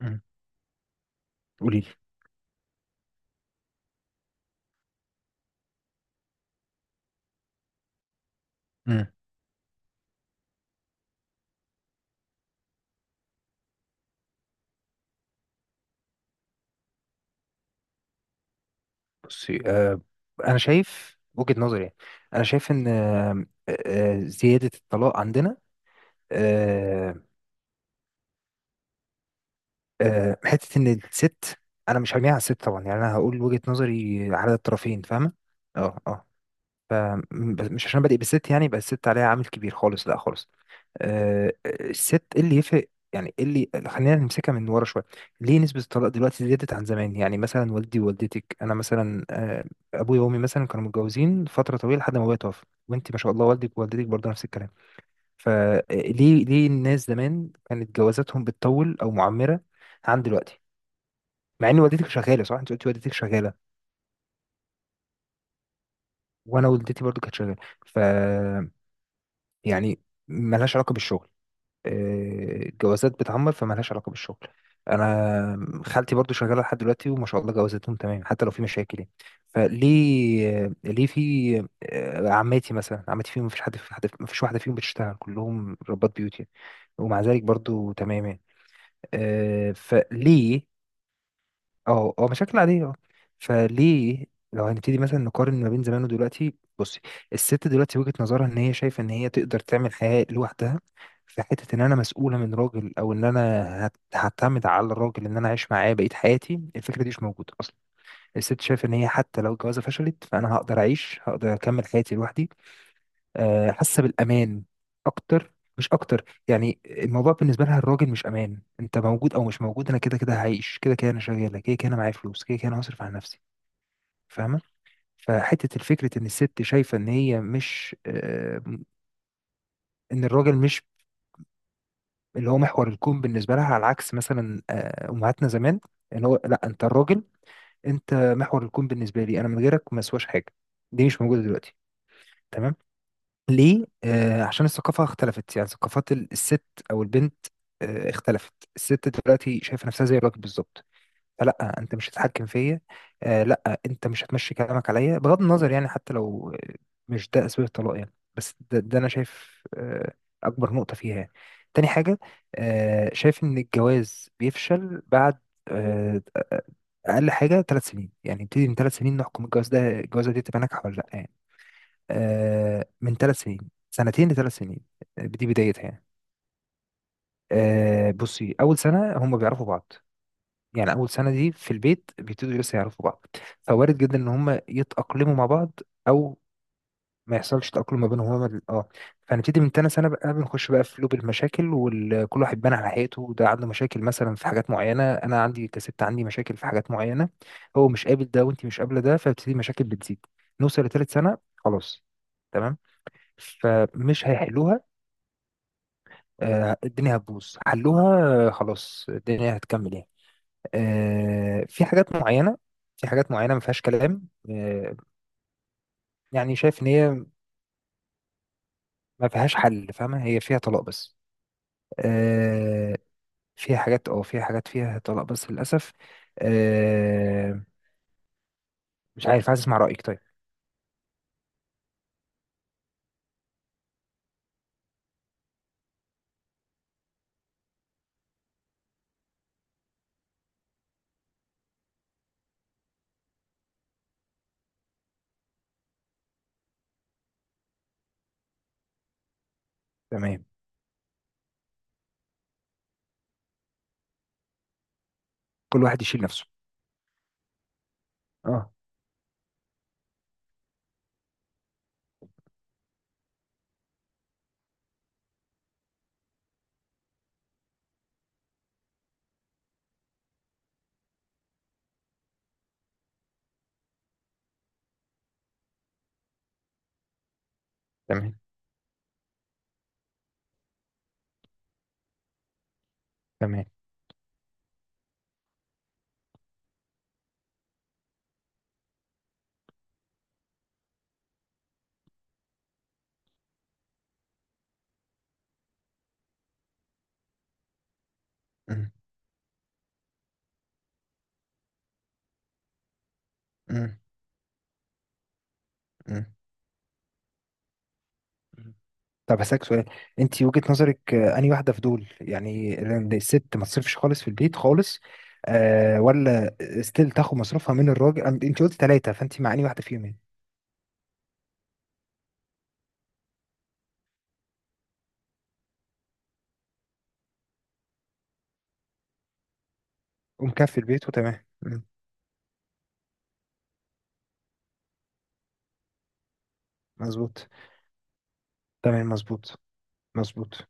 مم. قولي لي. مم. بصي، انا شايف وجهة نظري. يعني انا شايف ان زيادة الطلاق عندنا آه حتة ان الست، انا مش هرميها على الست طبعا. يعني انا هقول وجهة نظري على الطرفين. فاهمة؟ اه اه. مش عشان بادئ بالست يعني يبقى الست عليها عامل كبير خالص، لا خالص. الست، ايه اللي يفرق يعني، ايه اللي خلينا نمسكها من ورا شويه. ليه نسبه الطلاق دلوقتي زادت عن زمان؟ يعني مثلا والدي ووالدتك، انا مثلا، ابويا وامي مثلا كانوا متجوزين فتره طويله لحد ما ابويا توفى، وانت ما شاء الله والدك ووالدتك برضه نفس الكلام. فليه ليه الناس زمان كانت جوازاتهم بتطول او معمره عن دلوقتي؟ مع ان والدتك شغاله، صح؟ انت قلتي والدتك شغاله، وانا والدتي برضه كانت شغاله. ف يعني ملهاش علاقه بالشغل. جوازات بتعمر فمالهاش علاقة بالشغل. انا خالتي برضو شغالة لحد دلوقتي وما شاء الله جوازاتهم تمام حتى لو في مشاكل يعني. فليه ليه في عماتي مثلا، عماتي فيهم مفيش حد، في حد مفيش واحدة فيهم بتشتغل، كلهم ربات بيوت يعني، ومع ذلك برضو تمام يعني. فليه؟ اه اه، مشاكل عادية اه. فليه لو هنبتدي مثلا نقارن ما بين زمان ودلوقتي؟ بصي، الست دلوقتي وجهة نظرها ان هي شايفة ان هي تقدر تعمل حياة لوحدها، في حتة ان انا مسؤولة من راجل، او ان انا هعتمد على الراجل ان انا اعيش معاه بقية حياتي. الفكرة دي مش موجودة اصلا. الست شايفة ان هي حتى لو الجوازة فشلت، فانا هقدر اعيش، هقدر اكمل حياتي لوحدي. حاسه بالامان اكتر، مش اكتر، يعني الموضوع بالنسبه لها الراجل مش امان، انت موجود او مش موجود انا كده كده هعيش، كده كده انا شغاله، كده كده انا معايا فلوس، كده كده انا هصرف على نفسي. فاهمه؟ فحته الفكره ان الست شايفه ان هي مش ان الراجل مش اللي هو محور الكون بالنسبه لها، على عكس مثلا امهاتنا زمان. ان هو لا، انت الراجل، انت محور الكون بالنسبه لي انا، من غيرك ما اسواش حاجه. دي مش موجوده دلوقتي. تمام؟ ليه؟ عشان الثقافة اختلفت. يعني ثقافات الست أو البنت اختلفت. الست دلوقتي شايفة نفسها زي الراجل بالظبط، فلا، أنت مش هتتحكم فيا، لا أنت مش هتمشي كلامك عليا، بغض النظر يعني حتى لو مش ده أسباب الطلاق يعني، بس ده, أنا شايف أكبر نقطة فيها يعني. تاني حاجة، شايف إن الجواز بيفشل بعد آه أقل حاجة 3 سنين. يعني نبتدي من 3 سنين نحكم الجواز ده، الجوازة دي تبقى ناجحة ولا لأ يعني. من 3 سنين، سنتين لثلاث سنين، دي بدايتها يعني. بصي، اول سنه هم بيعرفوا بعض. يعني اول سنه دي في البيت بيبتدوا لسه يعرفوا بعض، فوارد جدا ان هم يتاقلموا مع بعض او ما يحصلش تاقلم ما بينهم. هما ال- اه فنبتدي من تاني سنه بقى، بنخش بقى في لوب المشاكل، وكل واحد بان على حقيقته. ده عنده مشاكل مثلا في حاجات معينه، انا عندي، كسبت عندي مشاكل في حاجات معينه، هو مش قابل ده وانت مش قابله ده، فبتبتدي مشاكل بتزيد. نوصل لتالت سنه، خلاص، تمام، فمش هيحلوها. الدنيا هتبوظ حلوها. خلاص الدنيا هتكمل يعني. في حاجات معينة، في حاجات معينة ما فيهاش كلام. يعني شايف ان هي ما فيهاش حل فاهمة، هي فيها طلاق بس. آه، فيها حاجات، اه فيها حاجات فيها طلاق بس للأسف. آه، مش عارف، عايز اسمع رأيك. طيب، تمام، كل واحد يشيل نفسه. اه، تمام تمام. مم، مم، مم. مم. طب هسألك سؤال، انت وجهة نظرك انهي واحدة في دول يعني؟ لأن الست ما تصرفش خالص في البيت خالص ولا ستيل تاخد مصروفها من الراجل؟ انت قلت ثلاثة، فانت مع انهي واحدة فيهم يعني؟ ومكفي البيت وتمام. مم، مظبوط. تمام مظبوط. مظبوط.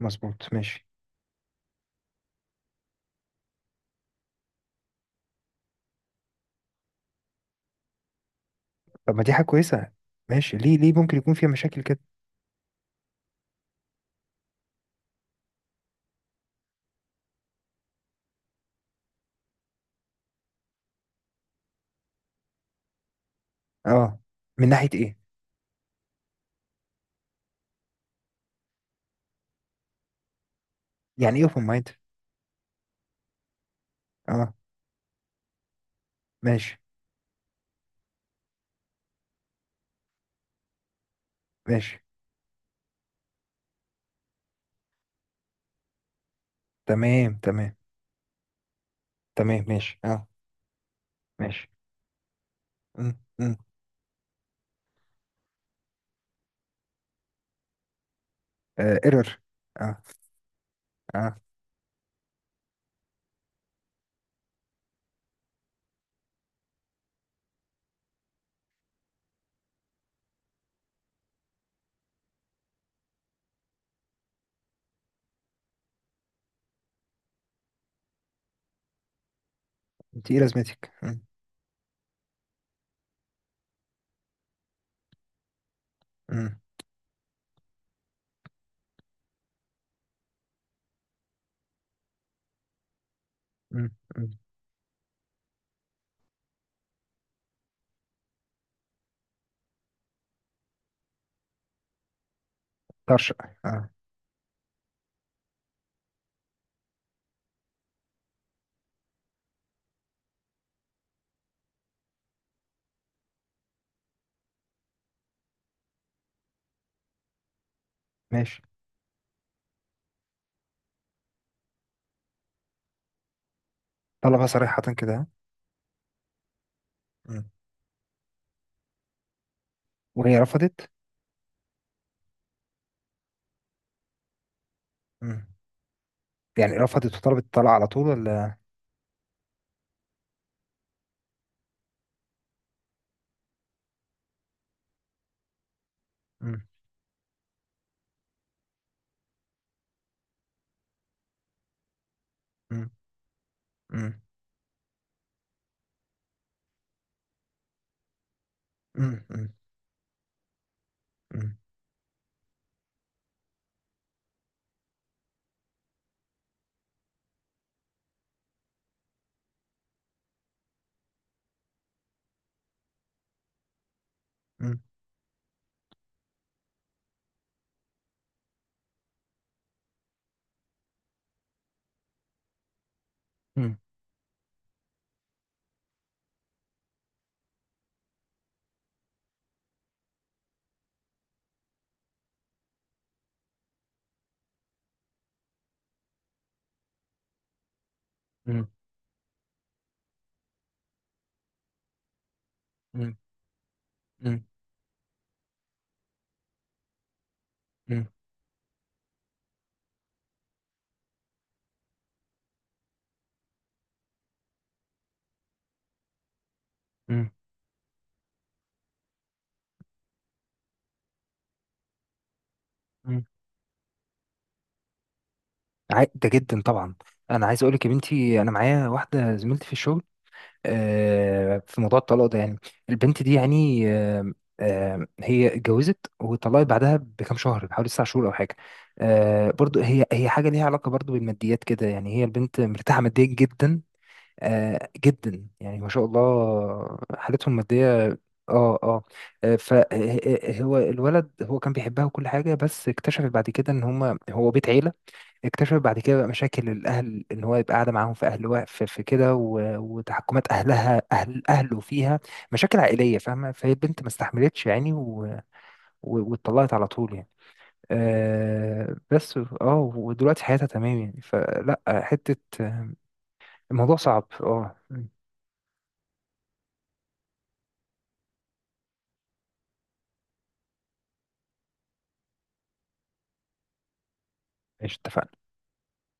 مظبوط ماشي. طب ما دي حاجة كويسة، ماشي، ليه ليه ممكن يكون فيها مشاكل كده؟ اه، من ناحية ايه؟ يعني ايه اوبن مايند؟ اه ماشي. ماشي. تمام تمام. تمام ماشي اه. ماشي. امم ايرور اه. انت ايه لازمتك؟ مم. مم. مم. مم. طرش اه. ماشي. طلبها صريحة كده، ها؟ مم. وهي رفضت؟ مم. يعني رفضت وطلبت الطلاق على طول ولا؟ مم. مم. مم. مم. مم. مم. مم. مم. مم. مم. مم. مم. مم. مم. ده جدا طبعا. انا عايز اقول لك يا بنتي، انا معايا واحده زميلتي في الشغل في موضوع الطلاق ده يعني. البنت دي يعني هي اتجوزت وطلقت بعدها بكام شهر، بحوالي 9 شهور او حاجه. برضو هي، هي حاجه ليها علاقه برضو بالماديات كده يعني، هي البنت مرتاحه ماديا جدا جدا يعني، ما شاء الله حالتهم الماديه. اه اه. فهو الولد، هو كان بيحبها وكل حاجه، بس اكتشفت بعد كده ان هما، هو بيت عيله. اكتشف بعد كده بقى مشاكل الاهل، ان هو يبقى قاعده معاهم في اهل في كده و- وتحكمات اهلها، اهل اهله فيها، مشاكل عائليه فاهمه. فهي البنت ما استحملتش يعني واتطلقت على طول يعني. بس اه، ودلوقتي حياتها تمام يعني، فلا حته. آه، الموضوع صعب اه. ماشي، اتفقنا.